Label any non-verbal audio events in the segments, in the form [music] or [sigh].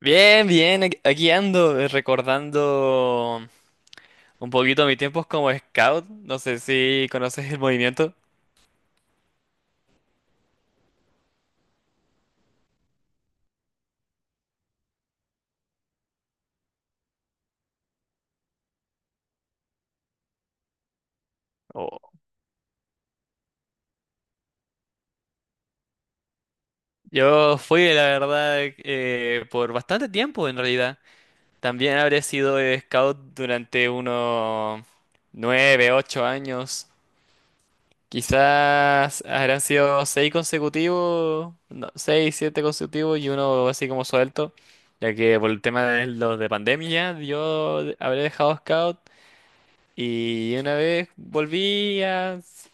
Bien, bien, aquí ando, recordando un poquito mis tiempos como scout. No sé si conoces el movimiento. Oh. Yo fui, la verdad, por bastante tiempo en realidad. También habré sido scout durante unos 9, 8 años. Quizás habrán sido seis consecutivos, no, seis, siete consecutivos y uno así como suelto. Ya que por el tema de los de pandemia, yo habré dejado scout. Y una vez volvía,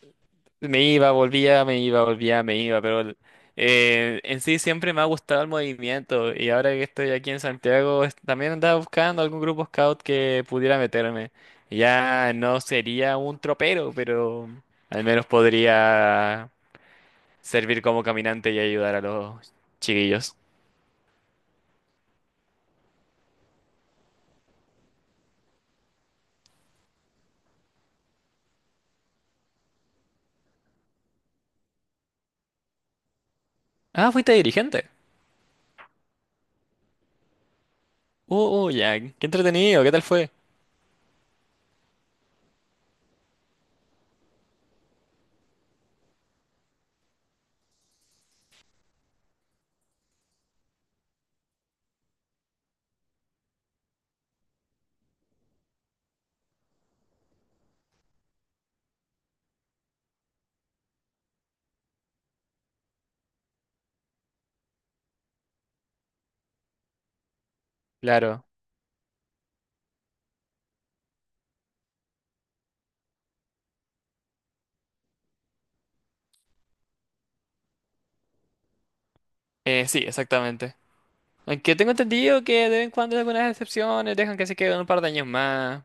me iba, volvía, me iba, volvía, me iba, pero en sí siempre me ha gustado el movimiento y ahora que estoy aquí en Santiago también andaba buscando algún grupo scout que pudiera meterme. Ya no sería un tropero, pero al menos podría servir como caminante y ayudar a los chiquillos. Ah, fuiste dirigente. Ya, qué entretenido, ¿qué tal fue? Claro. Sí, exactamente. Aunque tengo entendido que de vez en cuando hay algunas excepciones, dejan que se queden un par de años más,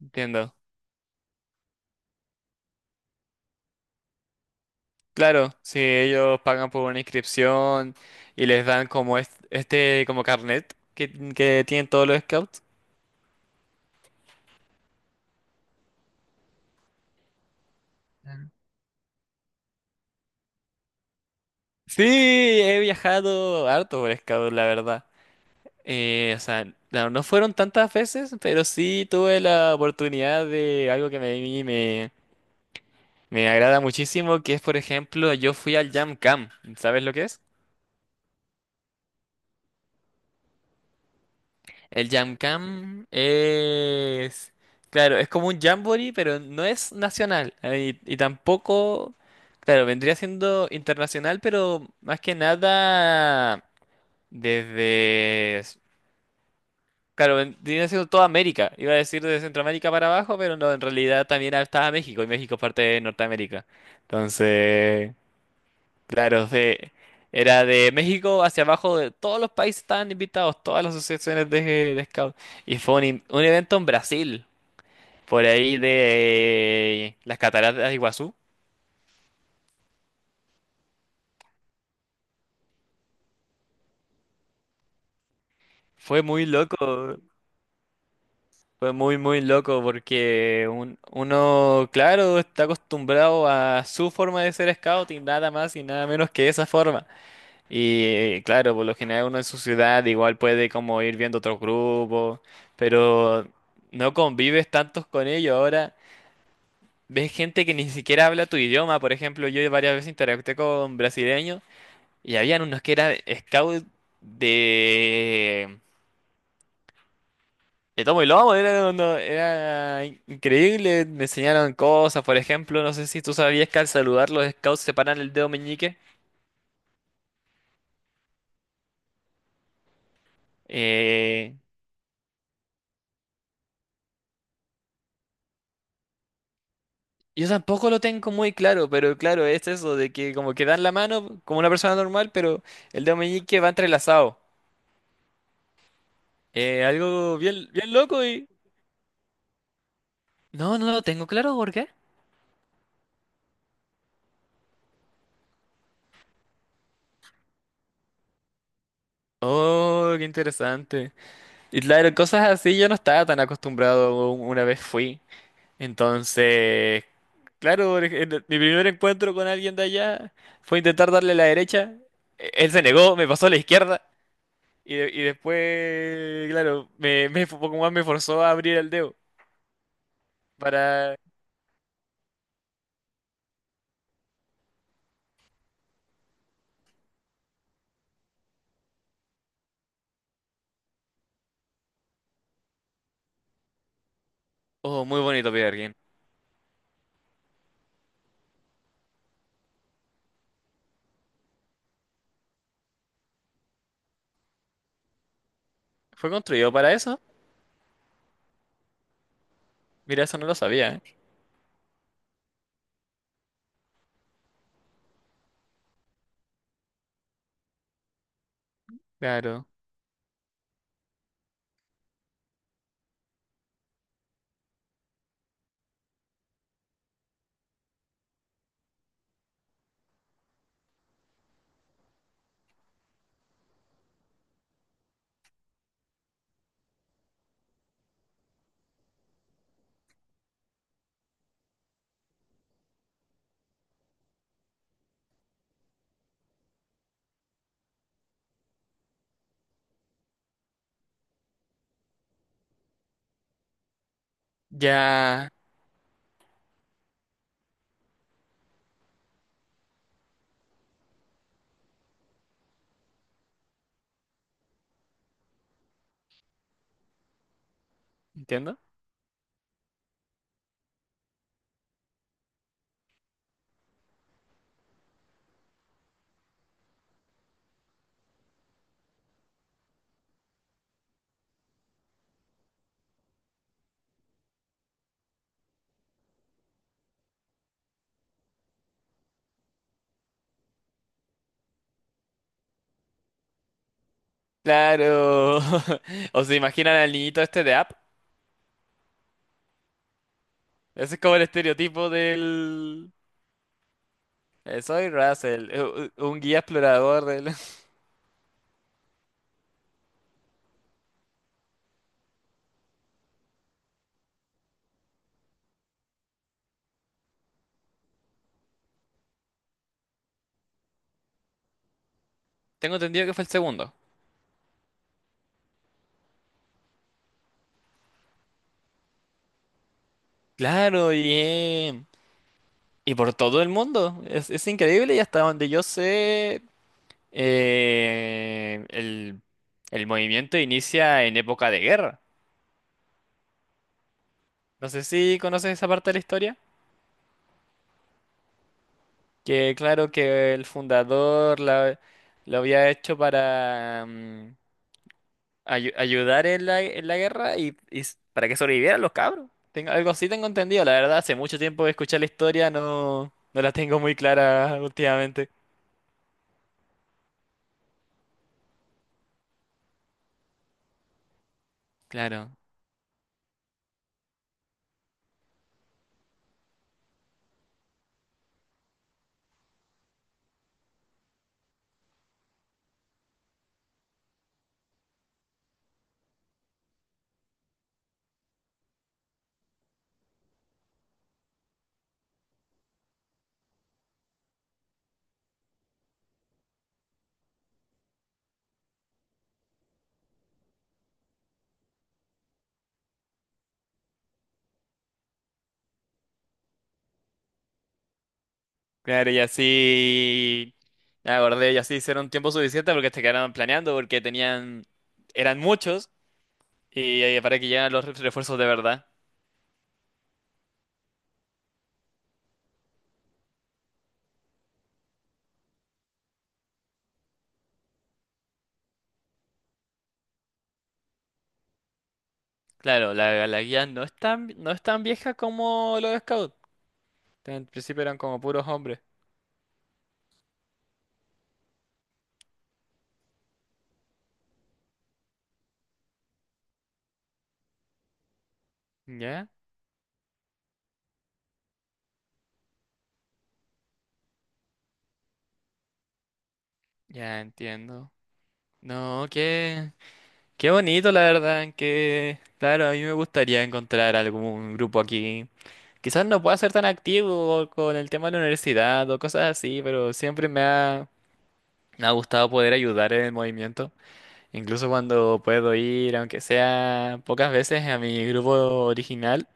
entiendo. Claro, si ellos pagan por una inscripción y les dan como este, como carnet que tienen todos los scouts. Sí, he viajado harto por scout, la verdad. O sea, no, no fueron tantas veces, pero sí tuve la oportunidad de algo que me agrada muchísimo, que es, por ejemplo, yo fui al Jam Cam. ¿Sabes lo que es? El Jam Cam es... Claro, es como un jamboree, pero no es nacional. Y tampoco... Claro, vendría siendo internacional, pero más que nada desde... Claro, vendría siendo toda América. Iba a decir de Centroamérica para abajo, pero no, en realidad también estaba México, y México es parte de Norteamérica. Entonces... Claro, era de México hacia abajo, de todos los países estaban invitados, todas las asociaciones de scout. Y fue un evento en Brasil, por ahí de las cataratas de Iguazú. Fue muy loco, fue muy, muy loco, porque uno, claro, está acostumbrado a su forma de ser scout y nada más y nada menos que esa forma. Y claro, por lo general uno en su ciudad igual puede como ir viendo otros grupos, pero no convives tantos con ellos. Ahora ves gente que ni siquiera habla tu idioma. Por ejemplo, yo varias veces interactué con brasileños y habían unos que eran scout de... de tomo y lomo. Era, increíble, me enseñaron cosas. Por ejemplo, no sé si tú sabías que al saludar los scouts separan el dedo meñique. Eh, Yo tampoco lo tengo muy claro, pero claro, es eso de que como que dan la mano como una persona normal, pero el dedo meñique va entrelazado. Algo bien, bien loco y... No, no lo tengo claro, ¿por qué? Oh, qué interesante. Y claro, cosas así yo no estaba tan acostumbrado una vez fui. Entonces, claro, en mi primer encuentro con alguien de allá fue intentar darle la derecha. Él se negó, me pasó a la izquierda. Y, y después, claro, Pokémon me forzó a abrir el dedo para... Oh, muy bonito Peterkin. ¿Fue construido para eso? Mira, eso no lo sabía, ¿eh? Claro. Ya... ¿Entiendo? Claro. [laughs] ¿O se imaginan al niñito este de App? Ese es como el estereotipo del... Soy Russell, un guía explorador del... [laughs] Tengo entendido que fue el segundo. Claro, bien. Y por todo el mundo. Es increíble y hasta donde yo sé... El el movimiento inicia en época de guerra. No sé si conoces esa parte de la historia. Que claro que el fundador lo había hecho para ayudar en la guerra y para que sobrevivieran los cabros. Tengo, algo así tengo entendido. La verdad, hace mucho tiempo que escuché la historia, no, no la tengo muy clara últimamente. Claro. Claro, y así me acordé, y así hicieron tiempo suficiente porque se quedaron planeando, porque tenían, eran muchos, y para que llegaran los refuerzos de verdad. Claro, la guía no es tan vieja como los scouts. En principio eran como puros hombres. ¿Ya? Ya entiendo. No, qué bonito, la verdad, que claro, a mí me gustaría encontrar algún grupo aquí. Quizás no pueda ser tan activo con el tema de la universidad o cosas así, pero siempre me ha me ha gustado poder ayudar en el movimiento, incluso cuando puedo ir, aunque sea pocas veces, a mi grupo original.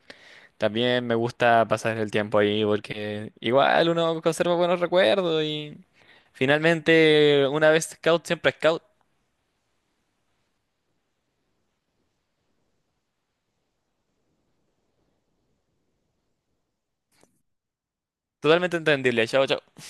También me gusta pasar el tiempo ahí porque igual uno conserva buenos recuerdos y finalmente una vez scout siempre scout. Totalmente entendible. Chao, chao.